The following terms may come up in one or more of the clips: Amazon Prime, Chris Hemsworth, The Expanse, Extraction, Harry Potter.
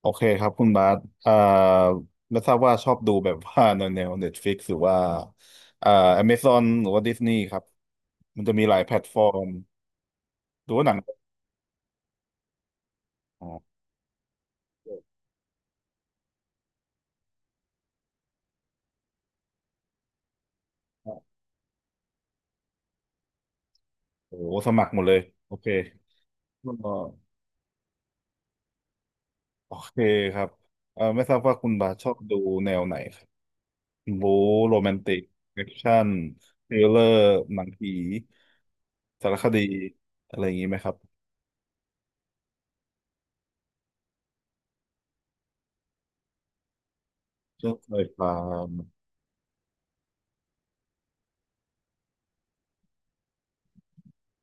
โอเคครับคุณบาสเอ่อไม่ทราบว่าชอบดูแบบว่า แนว Netflix หรือว่าเอ่อ Amazon หรือว่า Disney ครับ มันจะมีหลายแพลตฟอร์มดูว่าหนังอ๋อโอ้โหสมัครหมดเลยโอเคก็โอเคครับไม่ทราบว่าคุณบาสชอบดูแนวไหนครับบู๊โรแมนติกแอคชั่นทริลเลอร์หนังผีสารคดีอะไรอย่างนี้ไหมครับเรื่องไฟฟ้า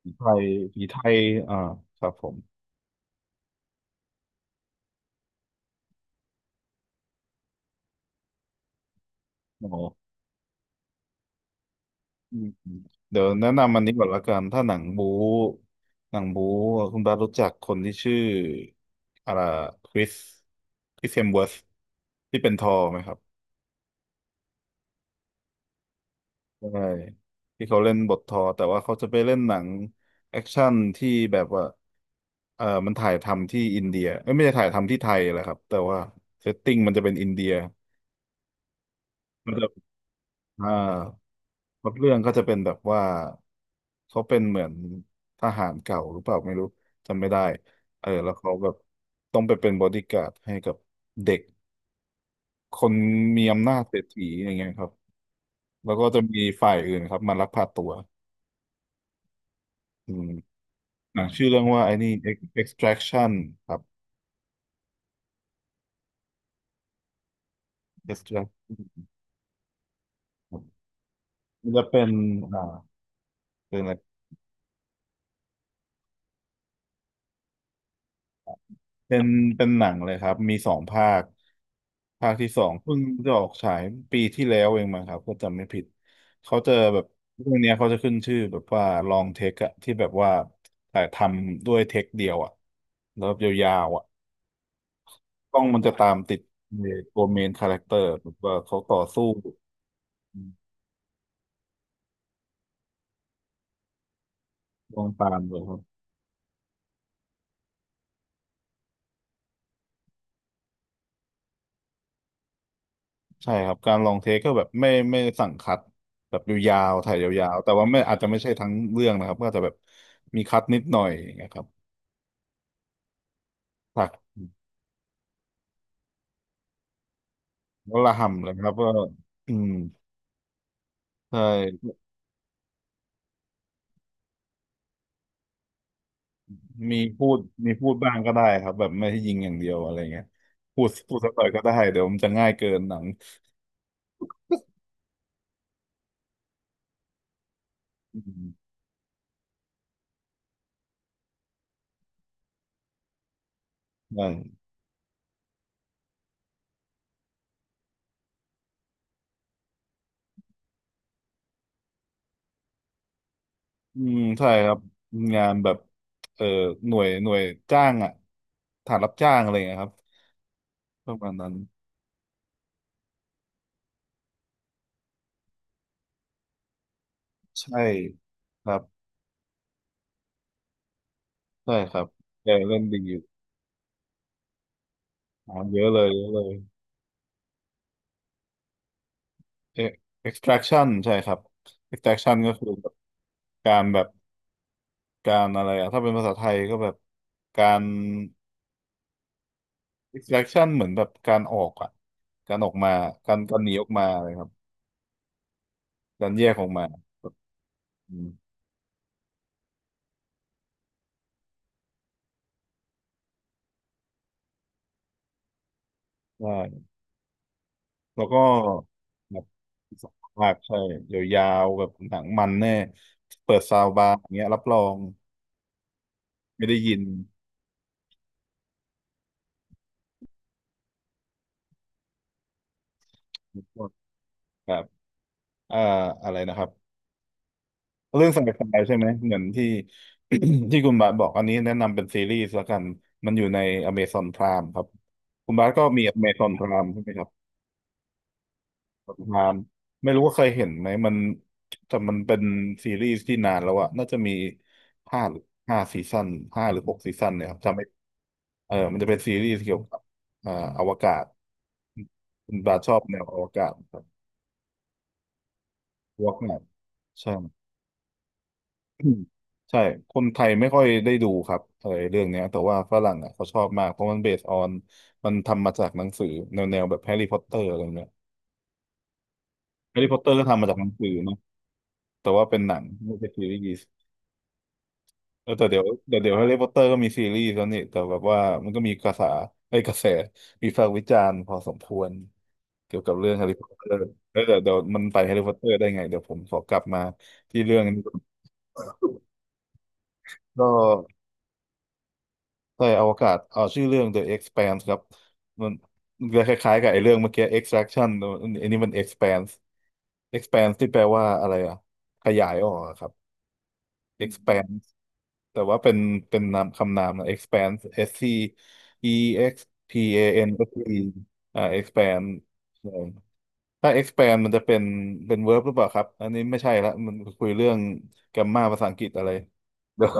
ผีไทยผีไทยอ่าครับผมอ๋อ อืมเดี๋ยวแนะนำอันนี้ก่อนละกันถ้าหนังบู๊คุณบาสรู้จักคนที่ชื่ออะไรคริสคริสเฮมเวิร์ธที่เป็นทอร์ไหมครับใช่ที่เขาเล่นบททอร์แต่ว่าเขาจะไปเล่นหนังแอคชั่นที่แบบว่าเออมันถ่ายทำที่อินเดียเอ้ยไม่ใช่ถ่ายทำที่ไทยแหละครับแต่ว่าเซตติ้งมันจะเป็นอินเดียมันจะอ่า พล็อตเรื่องก็จะเป็นแบบว่าเขาเป็นเหมือนทหารเก่าหรือเปล่าไม่รู้จำไม่ได้เออแล้วเขาแบบต้องไปเป็นบอดี้การ์ดให้กับเด็กคนมีอำนาจเศรษฐีอย่างเงี้ยครับแล้วก็จะมีฝ่ายอื่นครับมาลักพาตัวอืมหนังชื่อเรื่องว่าไอ้นี่ Extraction ครับ Extraction ครับมันจะเป็นอ่าเป็นอะไร เป็นเป็นหนังเลยครับมีสองภาคภาคที่สองเพิ่งจะออกฉายปีที่แล้วเองมั้งครับก็จำไม่ผิดเขาจะแบบเรื่องเนี้ยเขาจะขึ้นชื่อแบบว่าลองเทคอะที่แบบว่าถ่ายทำด้วยเทคเดียวอะแล้วแบบยาวๆอะกล้องมันจะตามติดตัวเมนคาแรคเตอร์แบบว่าเขาต่อสู้อืมลองตามเลยครับใช่ครับการลองเทคก็แบบไม่สั่งคัดแบบยาวๆถ่ายยาวๆแต่ว่าไม่อาจจะไม่ใช่ทั้งเรื่องนะครับก็อาจจะแบบมีคัดนิดหน่อยนะครับ ผักวะละหำเลยครับก็อืมใช่มีพูดมีพูดบ้างก็ได้ครับแบบไม่ให้ยิงอย่างเดียวอะไรเงี้ยพูดสักหน่อยก็ได้เดี๋ยวมันจะง่ายเกินหนังอืมใช่อืมใช่ครับงานแบบเอ่อหน่วยจ้างอ่ะฐานรับจ้างอะไรเงี้ยครับประมาณนั้นใช่ครับใช่ครับแต่เล่นดีอยู่อ๋อเยอะเลยเอ็ก extraction ใช่ครับ extraction ก็คือแบบการแบบ การอะไรอะถ้าเป็นภาษาไทยก็แบบการ extraction เหมือนแบบการออกอะการออกมาการหนีออกมาเลยครับการแยกออกมาแบบอืมใช่แล้วก็แบบสองภาคใช่ยาวๆแบบหนังมันแน่เปิดซาวบาร์อย่างเงี้ยรับรองไม่ได้ยินแบบเอ่ออะไรนะครับ เรื่องสมัไฟใช่ไหม เหมือนที่ ที่คุณบาสบอกอันนี้แนะนำเป็นซีรีส์ละกัน มันอยู่ใน Amazon Prime ครับ คุณบาสก็มี Amazon Prime ใช่ไหมครับ Amazon Prime ไม่รู้ว่าเคยเห็นไหมมันแต่มันเป็นซีรีส์ที่นานแล้วอะน่าจะมีห้าหรือห้าซีซั่นห้าหรือหกซีซั่นเนี่ยครับจำไม่เออมันจะเป็นซีรีส์เกี่ยวกับอ่าอวกาศ คุณบาสชอบแนวอวกาศครับ Walkman ใช่ อืมใช่คนไทยไม่ค่อยได้ดูครับเออเรื่องเนี้ยแต่ว่าฝรั่งอ่ะเขาชอบมากเพราะมันเบสออนมันทำมาจากหนังสือแนวแบบแฮร์รี่พอตเตอร์อะไรเงี้ยแฮร์รี่พอตเตอร์ก็ทำมาจากหนังสือเนาะแต่ว่าเป็นหนังไม่ใช่ซีรีส์เออแต่เดี๋ยวแฮร์รี่พอตเตอร์ก็มีซีรีส์แล้วนี่แต่แบบว่ามันก็มีกระแสไอ้ยกระแสวิพากษ์วิจารณ์พอสมควรเกี่ยวกับเรื่องแฮร์รี่พอตเตอร์เออเดี๋ยวมันไปแฮร์รี่พอตเตอร์ได้ไงเดี๋ยวผมขอกลับมาที่เรื่องนี้ก่อนก็ ใช่อวกาศเอาชื่อเรื่อง The Expanse ครับมันมันจะคล้ายๆกับไอ้เรื่องเมื่อกี้ Extraction อันนี้มัน Expanse Expanse ที่แปลว่าอะไรอ่ะขยายออกอะครับ Expanse แต่ว่าเป็นนามคำนามนะ Expanse S C E X P A N S E ออ่า Expand ใช่ถ้า Expand มันจะเป็น verb หรือเปล่าครับอันนี้ไม่ใช่ละมันคุยเรื่องแกมมาภาษาอังกฤษอะไรเดี๋ยว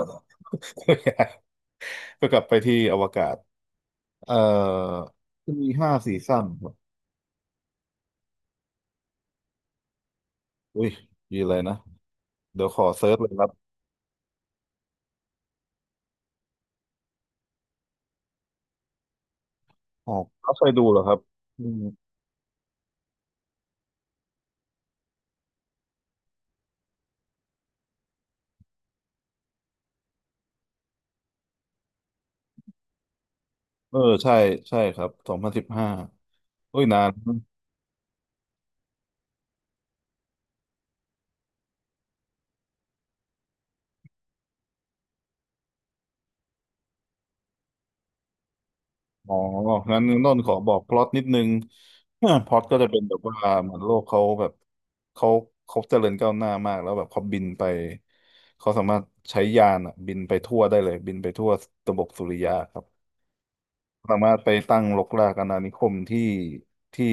ก็กลับไปที่อวกาศ เอ่อมี5 ซีซั่นครับอุ้ยมีอะไรนะเดี๋ยวขอเซิร์ชเลยครับอ๋อเขาเคยดูเหรอครับอืมเออใช่ใช่ครับ2015อุ้ยนานอ๋องั้นต้นขอบอกพล็อตนิดนึง พล็อตก็จะเป็นแบบว่าเหมือนโลกเขาแบบเขาเขาเจริญก้าวหน้ามากแล้วแบบเขาบินไปเขาสามารถใช้ยานอะบินไปทั่วได้เลยบินไปทั่วระบบสุริยะครับ สามารถไปตั้งรกรากอาณานิคมที่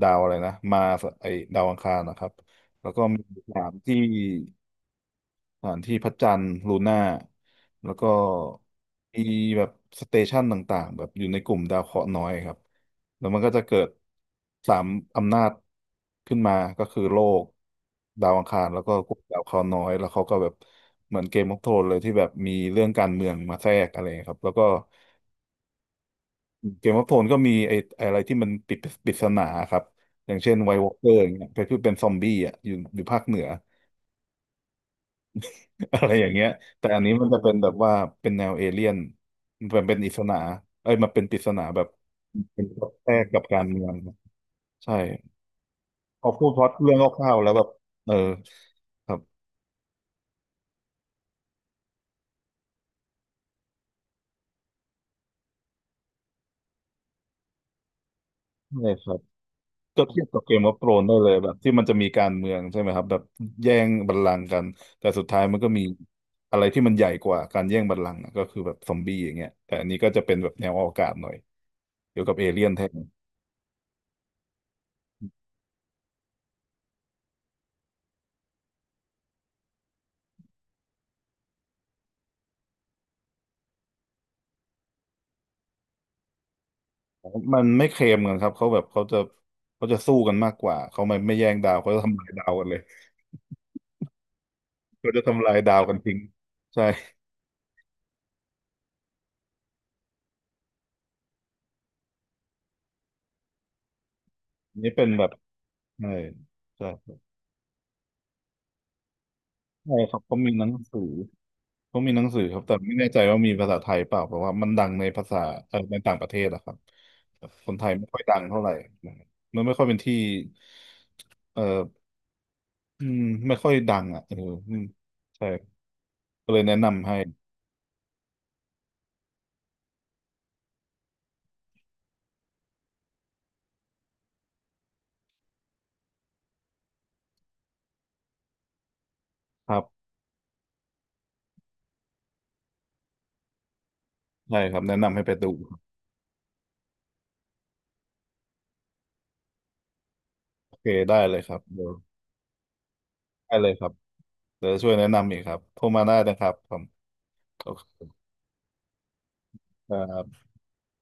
ดาวอะไรนะมาร์สไอดาวอังคารนะครับแล้วก็มีสถานที่สถานที่พระจันทร์ลูน่าแล้วก็มีแบบสเตชันต่างๆแบบอยู่ในกลุ่มดาวเคราะห์น้อยครับแล้วมันก็จะเกิดสามอำนาจขึ้นมาก็คือโลกดาวอังคารแล้วก็กลุ่มดาวเคราะห์น้อยแล้วเขาก็แบบเหมือนเกมออฟโทนเลยที่แบบมีเรื่องการเมืองมาแทรกอะไรครับแล้วก็ เกมออฟโทนก็มีไอ้อะไรที่มันปิดปริศนาครับอย่างเช่นไว i t วอ a l เกอร์อย่างเงี้ยไปคือเป็นซอมบี้อ่ะอยู่ภาคเหนือ อะไรอย่างเงี้ยแต่อันนี้มันจะเป็นแบบว่าเป็นแนวเอเลี่ยนมันเป็นอิสนาเอ้ยมันเป็นปริศนาแบบเป็นพอดแทรกกับการเมืองใช่พอพูดพล็อตเรื่องคร่าวๆแล้วแบบเออครับใช่ครับ ก็เทียบกับเกมวอ r โ n รนได้เลยแบบที่มันจะมีการเมืองใช่ไหมครับแบบแย่งบัลลังก์กันแต่สุดท้ายมันก็มีอะไรที่มันใหญ่กว่าการแย่งบัลลังก์อะก็คือแบบซอมบี้อย่างเงี้ยแต่อันนี้ก็จะเป็นแบบแนวอวกาศหน่อยเกี่ยวกับเอเลี่ยนแทนมันไม่เคลมกันครับเขาแบบเขาจะสู้กันมากกว่าเขาไม่แย่งดาวเขาจะทำลายดาวกันเลยเขาจะทำลายดาวกันทิ้งใช่อันนี่เป็นแบบใช่ใช่,ใช่ครับเขามีหนังสือ ก็มีหนังสือครับแต่ไม่แน่ใจว่ามีภาษาไทยเปล่าเพราะว่ามันดังในภาษาในต่างประเทศนะครับแต่คนไทยไม่ค่อยดังเท่าไหร่มันไม่ค่อยเป็นที่เอ่ออืมไม่ค่อยดังอ่ะเอออืมใช่ก็เลยแนะนำให้ครับใช่ครับแนะนำให้ไปดูโอเคได้เลยครับเดี๋ยวได้เลยครับเดี๋ยวจะช่วยแนะนำอีกครับโทรมาได้นะครับผมโอเคครับ